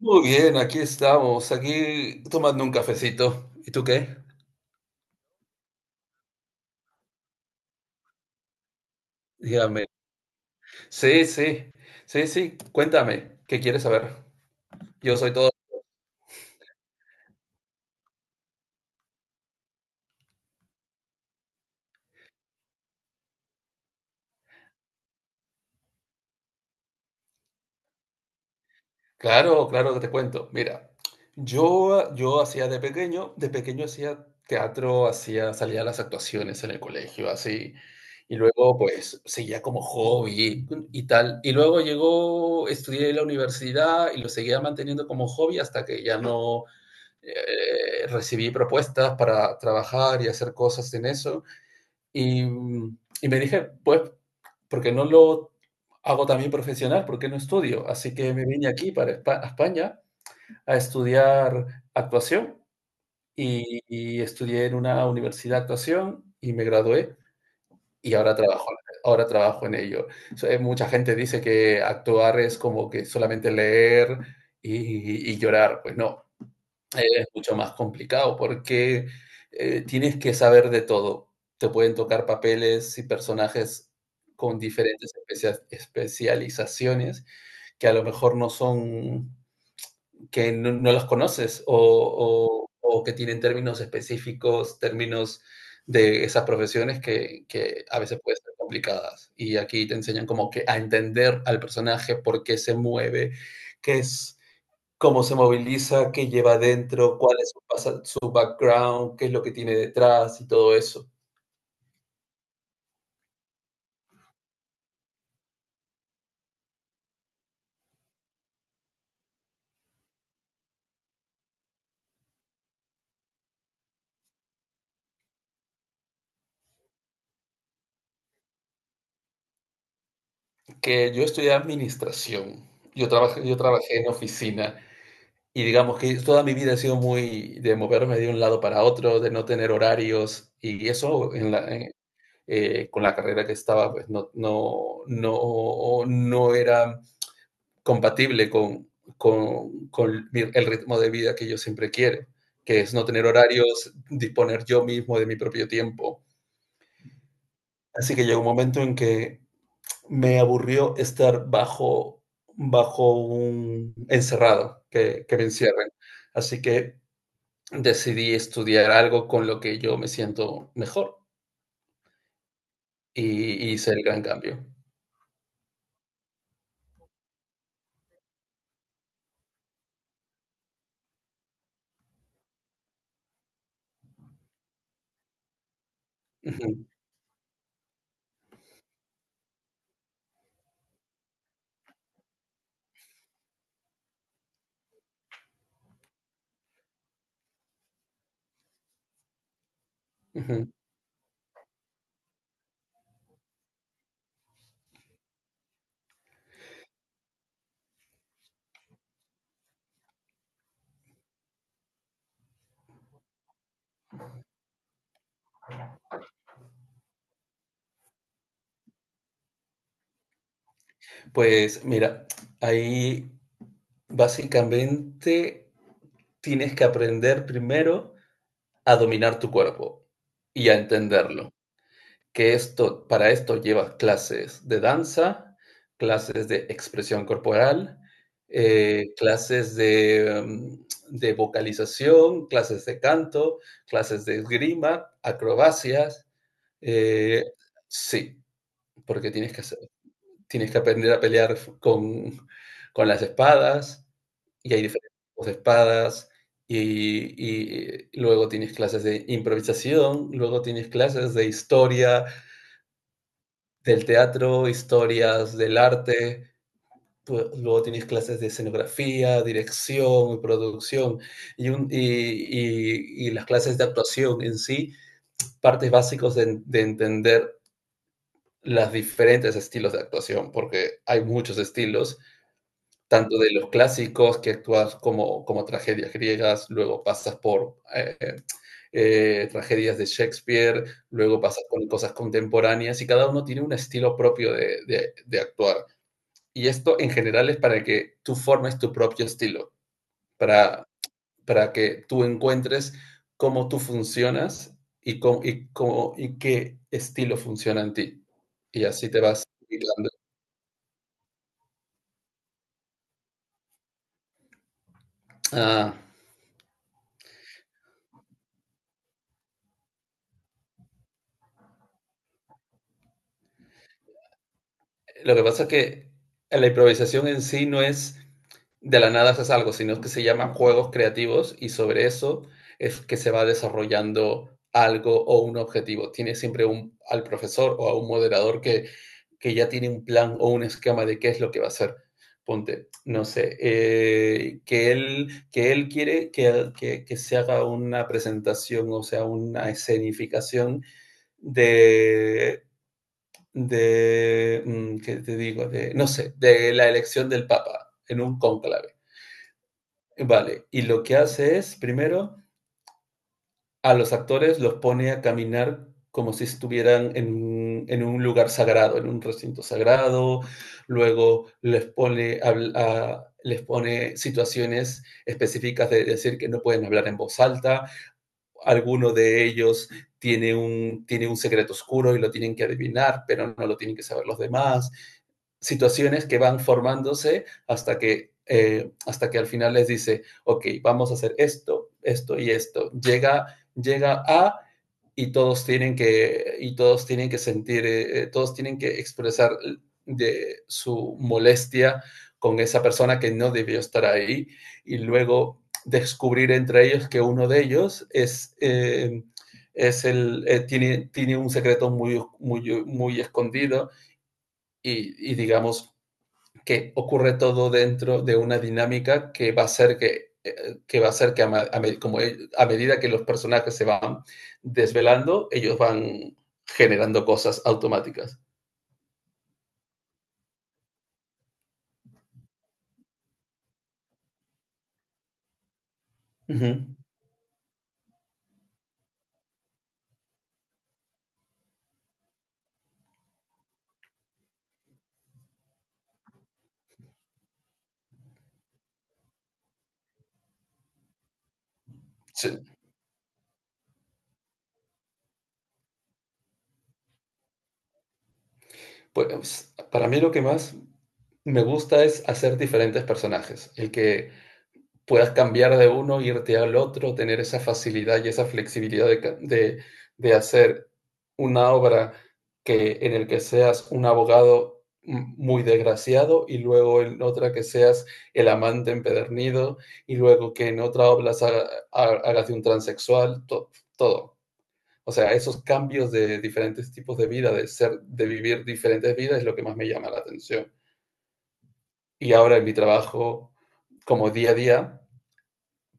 Muy bien, aquí estamos, aquí tomando un cafecito. ¿Y tú qué? Dígame. Sí, sí, sí, sí, cuéntame, ¿qué quieres saber? Yo soy todo... Claro, claro que te cuento. Mira, yo hacía de pequeño hacía teatro, hacía, salía a las actuaciones en el colegio, así. Y luego, pues, seguía como hobby y tal. Y luego llegó, estudié en la universidad y lo seguía manteniendo como hobby hasta que ya no... recibí propuestas para trabajar y hacer cosas en eso. Y me dije, pues, ¿porque no lo hago también profesional? ¿Porque no estudio? Así que me vine aquí para a España a estudiar actuación y estudié en una universidad de actuación y me gradué y ahora trabajo en ello. So, mucha gente dice que actuar es como que solamente leer y llorar. Pues no, es mucho más complicado porque tienes que saber de todo. Te pueden tocar papeles y personajes con diferentes especializaciones que a lo mejor no son, que no las conoces o, o que tienen términos específicos, términos de esas profesiones que a veces pueden ser complicadas. Y aquí te enseñan como que a entender al personaje, por qué se mueve, qué es, cómo se moviliza, qué lleva adentro, cuál es su, su background, qué es lo que tiene detrás y todo eso. Que yo estudié administración, yo trabajé en oficina y digamos que toda mi vida ha sido muy de moverme de un lado para otro, de no tener horarios y eso en la, con la carrera que estaba, pues no era compatible con el ritmo de vida que yo siempre quiero, que es no tener horarios, disponer yo mismo de mi propio tiempo. Así que llegó un momento en que me aburrió estar bajo un encerrado, que me encierren. Así que decidí estudiar algo con lo que yo me siento mejor y hice el gran cambio. Ujú, ujú. Pues mira, ahí básicamente tienes que aprender primero a dominar tu cuerpo y a entenderlo. Que esto, para esto llevas clases de danza, clases de expresión corporal, clases de, de vocalización, clases de canto, clases de esgrima, acrobacias. eh, sí, porque tienes que hacer, tienes que aprender a pelear con las espadas y hay diferentes tipos de espadas y luego tienes clases de improvisación, luego tienes clases de historia del teatro, historias del arte, pues, luego tienes clases de escenografía, dirección, producción y las clases de actuación en sí, partes básicas de entender los diferentes estilos de actuación, porque hay muchos estilos, tanto de los clásicos que actúas como, como tragedias griegas, luego pasas por tragedias de Shakespeare, luego pasas por cosas contemporáneas y cada uno tiene un estilo propio de actuar. Y esto en general es para que tú formes tu propio estilo, para, para que tú encuentres cómo tú funcionas y qué estilo funciona en ti. Y así te vas... Ah, lo que pasa es que la improvisación en sí no es de la nada haces algo, sino que se llaman juegos creativos y sobre eso es que se va desarrollando algo o un objetivo. Tiene siempre un, al profesor o a un moderador que ya tiene un plan o un esquema de qué es lo que va a hacer. Ponte, no sé, que él quiere que, que se haga una presentación, o sea, una escenificación de de, ¿qué te digo? De, no sé, de la elección del Papa en un cónclave. Vale, y lo que hace es, primero, a los actores los pone a caminar como si estuvieran en un lugar sagrado, en un recinto sagrado, luego les pone, les pone situaciones específicas de decir que no pueden hablar en voz alta, alguno de ellos tiene un secreto oscuro y lo tienen que adivinar, pero no lo tienen que saber los demás, situaciones que van formándose hasta que al final les dice, ok, vamos a hacer esto, esto y esto. Llega a, y todos tienen que, y todos tienen que sentir, todos tienen que expresar de su molestia con esa persona que no debió estar ahí y luego descubrir entre ellos que uno de ellos es el, tiene, tiene un secreto muy, muy, muy escondido y digamos, que ocurre todo dentro de una dinámica que va a ser que, va a ser que como a medida que los personajes se van desvelando, ellos van generando cosas automáticas. Uh -huh. Sí, pues, para mí lo que más me gusta es hacer diferentes personajes. El que puedas cambiar de uno, irte al otro, tener esa facilidad y esa flexibilidad de hacer una obra que, en el que seas un abogado muy desgraciado y luego en otra que seas el amante empedernido y luego que en otra obra hagas de un transexual, todo. O sea, esos cambios de diferentes tipos de vida, de ser, de vivir diferentes vidas es lo que más me llama la atención. Y ahora en mi trabajo, como día a día,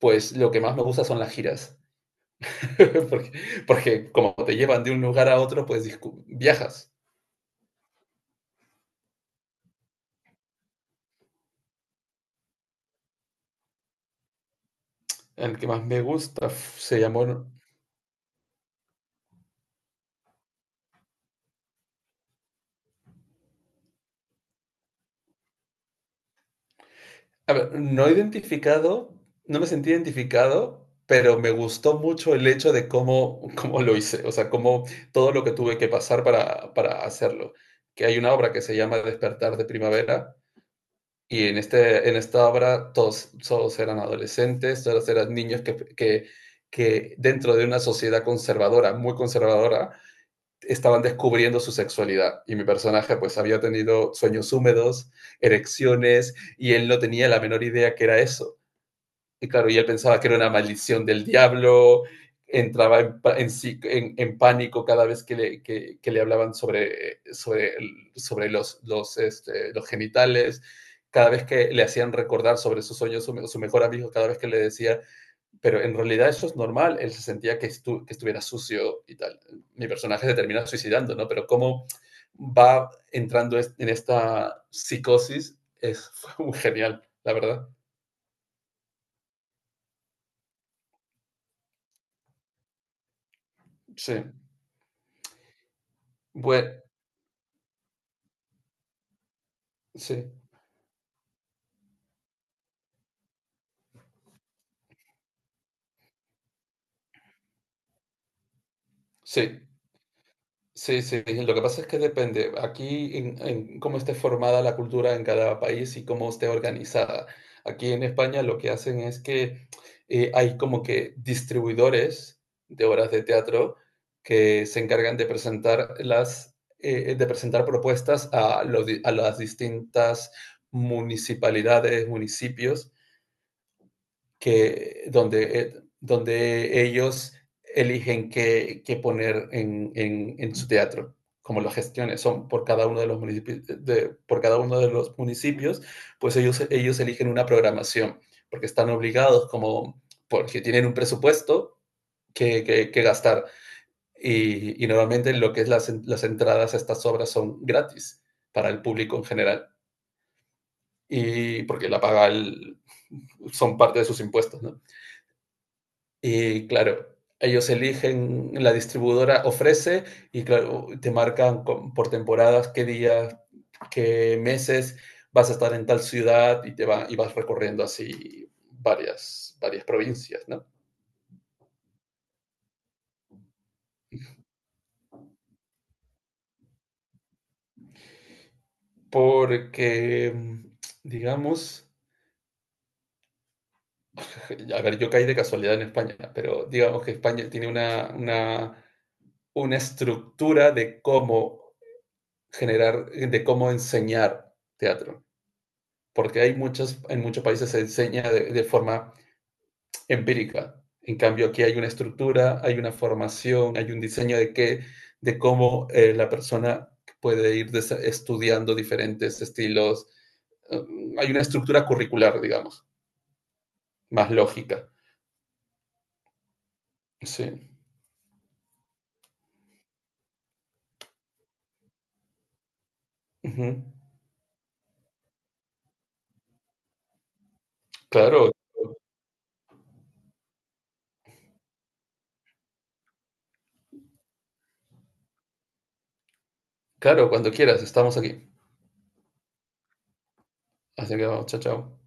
pues lo que más me gusta son las giras, porque, porque, como te llevan de un lugar a otro, pues viajas. El que más me gusta se llamó... A ver, no he identificado, no me sentí identificado, pero me gustó mucho el hecho de cómo, cómo lo hice, o sea, cómo todo lo que tuve que pasar para hacerlo. Que hay una obra que se llama Despertar de Primavera, y en, este, en esta obra todos, todos eran adolescentes, todos eran niños que, que dentro de una sociedad conservadora, muy conservadora, estaban descubriendo su sexualidad y mi personaje pues había tenido sueños húmedos, erecciones y él no tenía la menor idea que era eso. Y claro, y él pensaba que era una maldición del diablo, entraba sí, en pánico cada vez que le hablaban sobre, sobre los, este, los genitales, cada vez que le hacían recordar sobre sus sueños, su mejor amigo, cada vez que le decía, pero en realidad eso es normal, él se sentía que, estu que estuviera sucio y tal. Mi personaje se termina suicidando, ¿no? Pero cómo va entrando en esta psicosis es fue muy genial, la verdad. Sí. Bueno, sí, sí, sí, sí. Lo que pasa es que depende aquí en cómo esté formada la cultura en cada país y cómo esté organizada. Aquí en España lo que hacen es que hay como que distribuidores de obras de teatro que se encargan de presentar las, de presentar propuestas a, a las distintas municipalidades, municipios que, donde, donde ellos eligen qué, qué poner en su teatro, como las gestiones son por cada uno de los municipios, de, por cada uno de los municipios, pues ellos eligen una programación, porque están obligados como, porque tienen un presupuesto que gastar. Y normalmente lo que es las entradas a estas obras son gratis para el público en general, y porque la paga el, son parte de sus impuestos, ¿no? Y claro, ellos eligen, la distribuidora ofrece y claro, te marcan por temporadas qué días, qué meses vas a estar en tal ciudad y te va, y vas recorriendo así varias, varias provincias, ¿no? Porque, mm, digamos, a ver, yo caí de casualidad en España, pero digamos que España tiene una estructura de cómo generar, de cómo enseñar teatro. Porque hay muchos, en muchos países se enseña de forma empírica. En cambio, aquí hay una estructura, hay una formación, hay un diseño de qué, de cómo, la persona puede ir estudiando diferentes estilos. Hay una estructura curricular, digamos, más lógica. Sí. Uh -huh. Claro, claro, cuando quieras, estamos aquí. Así que vamos, chao, chao.